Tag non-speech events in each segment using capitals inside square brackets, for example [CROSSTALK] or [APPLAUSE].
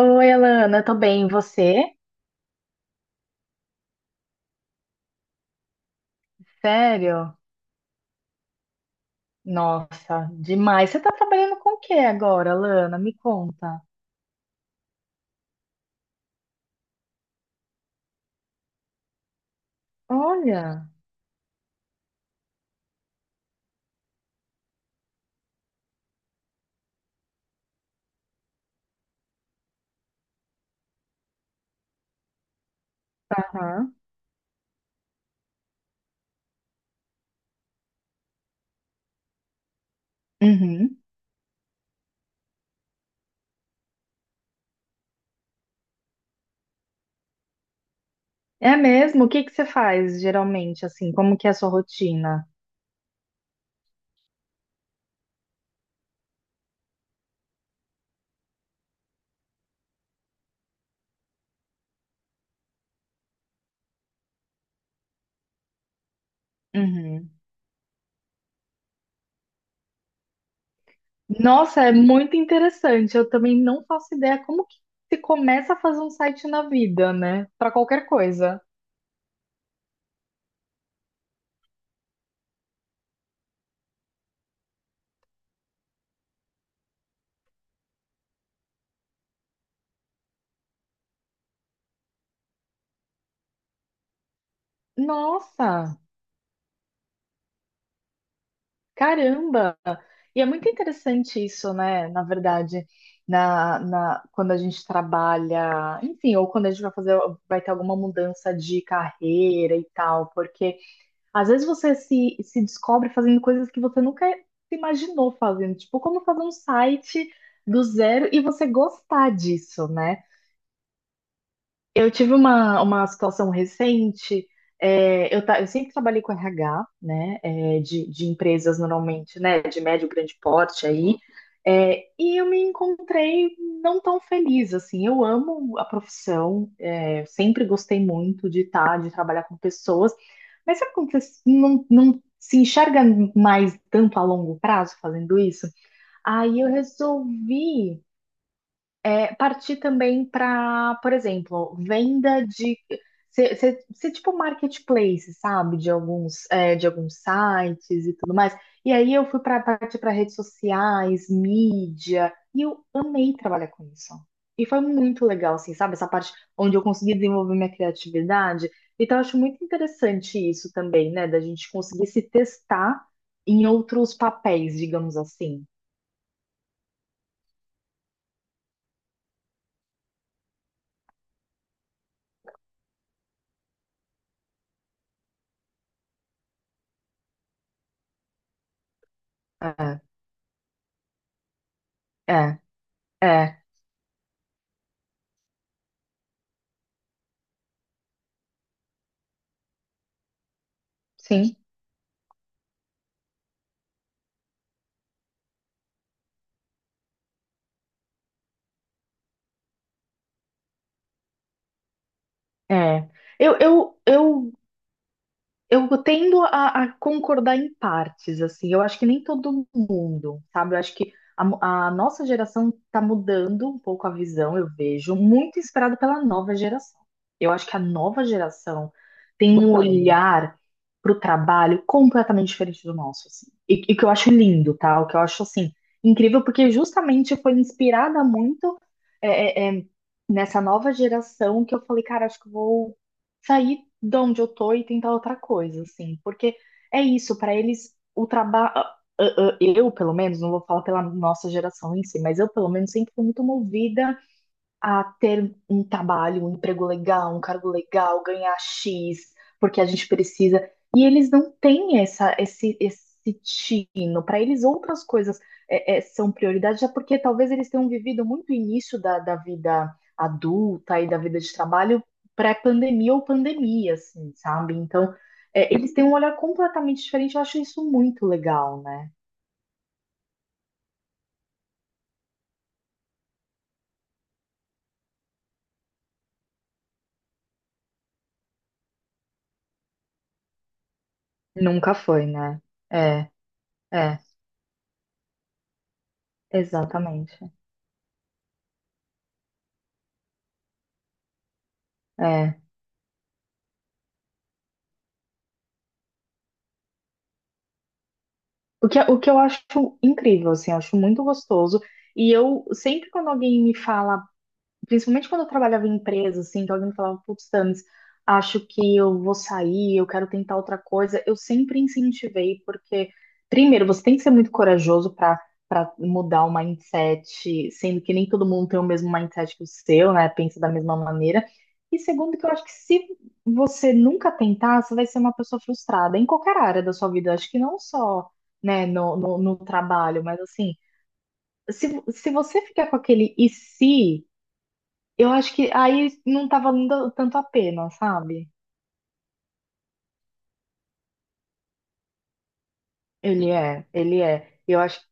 Oi, Alana, tô bem, e você? Sério? Nossa, demais. Você tá trabalhando com o que agora, Alana? Me conta. Olha. Aham. Uhum. É mesmo? O que que você faz geralmente, assim? Como que é a sua rotina? Uhum. Nossa, é muito interessante. Eu também não faço ideia como que se começa a fazer um site na vida, né? Pra qualquer coisa. Nossa. Caramba! E é muito interessante isso, né? Na verdade, quando a gente trabalha, enfim, ou quando a gente vai fazer, vai ter alguma mudança de carreira e tal, porque às vezes você se descobre fazendo coisas que você nunca se imaginou fazendo, tipo, como fazer um site do zero e você gostar disso, né? Eu tive uma situação recente. É, eu sempre trabalhei com RH, né, é, de empresas normalmente, né, de médio, grande porte aí. É, e eu me encontrei não tão feliz, assim. Eu amo a profissão, é, sempre gostei muito de estar, de trabalhar com pessoas. Mas sabe quando você não se enxerga mais tanto a longo prazo fazendo isso? Aí eu resolvi partir também para, por exemplo, venda de ser tipo marketplace, sabe? De alguns sites e tudo mais. E aí eu fui para partir para redes sociais, mídia, e eu amei trabalhar com isso. E foi muito legal, assim, sabe? Essa parte onde eu consegui desenvolver minha criatividade. Então, eu acho muito interessante isso também, né? Da gente conseguir se testar em outros papéis, digamos assim. É, é, é. Sim. É, eu, eu, eu, eu tendo a concordar em partes, assim, eu acho que nem todo mundo, sabe? Eu acho que a nossa geração está mudando um pouco a visão, eu vejo, muito inspirado pela nova geração. Eu acho que a nova geração tem um olhar para o trabalho completamente diferente do nosso, assim. E que eu acho lindo, tá? O que eu acho, assim, incrível, porque justamente foi inspirada muito é, é, é, nessa nova geração que eu falei, cara, acho que eu vou sair de onde eu tô e tentar outra coisa, assim, porque é isso, para eles o trabalho, eu pelo menos, não vou falar pela nossa geração em si, mas eu pelo menos sempre fui muito movida a ter um trabalho, um emprego legal, um cargo legal, ganhar X, porque a gente precisa. E eles não têm esse tino. Para eles, outras coisas são prioridade, já porque talvez eles tenham vivido muito o início da vida adulta e da vida de trabalho pré-pandemia ou pandemia, assim, sabe? Então, é, eles têm um olhar completamente diferente. Eu acho isso muito legal, né? Nunca foi, né? É, é, exatamente. É. O que, o que eu acho incrível, assim, eu acho muito gostoso. E eu sempre quando alguém me fala. Principalmente quando eu trabalhava em empresa, assim, que alguém me falava, putz, Thames, acho que eu vou sair, eu quero tentar outra coisa, eu sempre incentivei, porque, primeiro, você tem que ser muito corajoso para mudar o mindset, sendo que nem todo mundo tem o mesmo mindset que o seu, né? Pensa da mesma maneira. E segundo, que eu acho que se você nunca tentar, você vai ser uma pessoa frustrada em qualquer área da sua vida. Eu acho que não só, né, no trabalho, mas assim, se você ficar com aquele e se. Eu acho que aí não tava valendo tanto a pena, sabe? Ele é, ele é. Eu acho que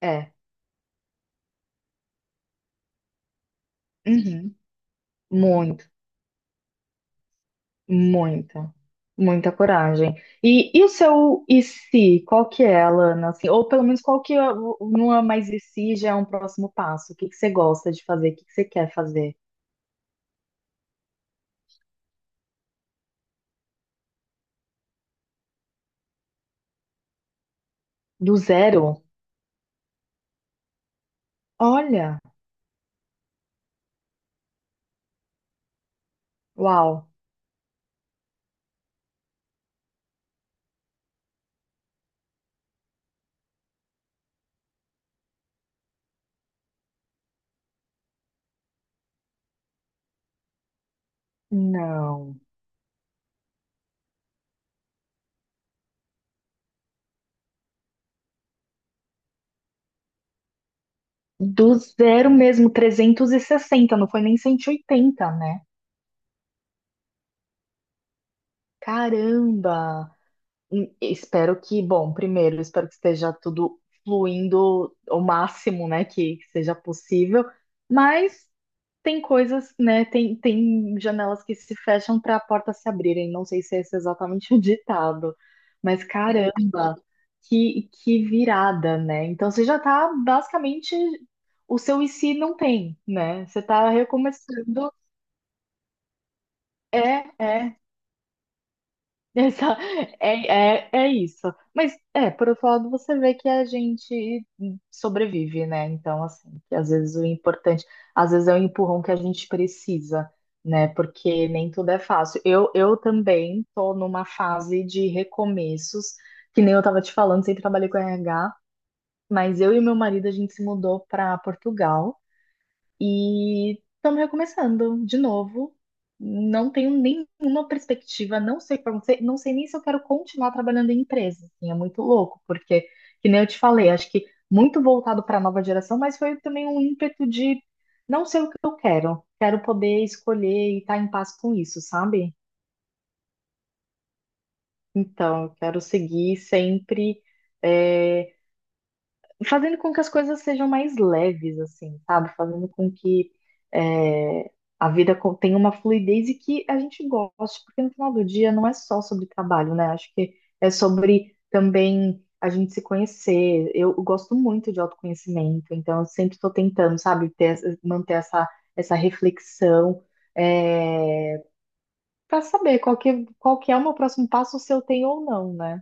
é. Uhum. Muito, muita, muita coragem. E o seu e se? Qual que é, Alana? Assim, ou pelo menos qual que é, o- não é mais e se, já é um próximo passo? O que que você gosta de fazer? O que que você quer fazer? Do zero? Olha, uau. Não. Do zero mesmo, 360. Não foi nem 180, né? Caramba! Espero que, bom, primeiro, espero que esteja tudo fluindo ao máximo, né, que seja possível, mas tem coisas, né, tem janelas que se fecham para a porta se abrirem, não sei se esse é exatamente [LAUGHS] o ditado, mas caramba, que virada, né? Então você já tá basicamente, o seu e se não tem, né? Você tá recomeçando, é, é. [LAUGHS] Essa, é, é, é isso. Mas, é, por outro lado, você vê que a gente sobrevive, né? Então, assim, que às vezes o importante, às vezes é o empurrão que a gente precisa, né? Porque nem tudo é fácil. Eu também tô numa fase de recomeços, que nem eu tava te falando, sempre trabalhei com RH, mas eu e meu marido, a gente se mudou para Portugal. E estamos recomeçando de novo. Não tenho nenhuma perspectiva, não sei o que vai acontecer, não sei nem se eu quero continuar trabalhando em empresa. Assim, é muito louco, porque, que nem eu te falei, acho que muito voltado para a nova geração, mas foi também um ímpeto de não sei o que eu quero. Quero poder escolher e estar em paz com isso, sabe? Então, eu quero seguir sempre. eh, Fazendo com que as coisas sejam mais leves, assim, sabe? Fazendo com que é, tenha uma fluidez e que a gente goste, porque no final do dia não é só sobre trabalho, né? Acho que é sobre também a gente se conhecer. Eu gosto muito de autoconhecimento, então eu sempre estou tentando, sabe, ter manter essa reflexão. Para saber qual que é o meu próximo passo, se eu tenho ou não, né?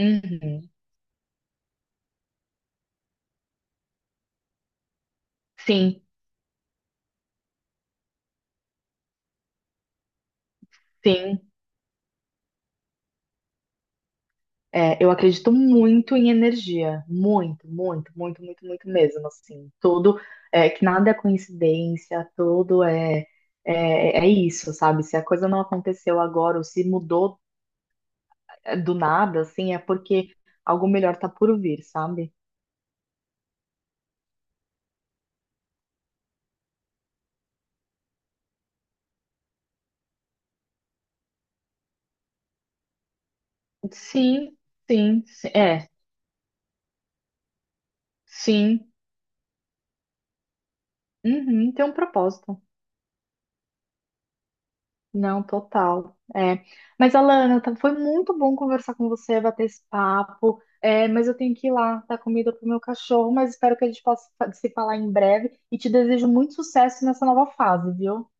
Uhum. Sim, sim. É, eu acredito muito em energia, muito, muito, muito, muito, muito mesmo, assim, tudo, é, que nada é coincidência, tudo é, é isso, sabe? Se a coisa não aconteceu agora ou se mudou é, do nada, assim, é porque algo melhor tá por vir, sabe? Sim, sim, sim, é, sim, uhum, tem um propósito. Não, total. É. Mas, Alana, foi muito bom conversar com você, bater esse papo. É, mas eu tenho que ir lá dar comida pro meu cachorro, mas espero que a gente possa se falar em breve e te desejo muito sucesso nessa nova fase, viu?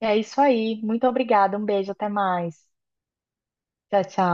É isso aí. Muito obrigada. Um beijo, até mais. Tchau, tchau.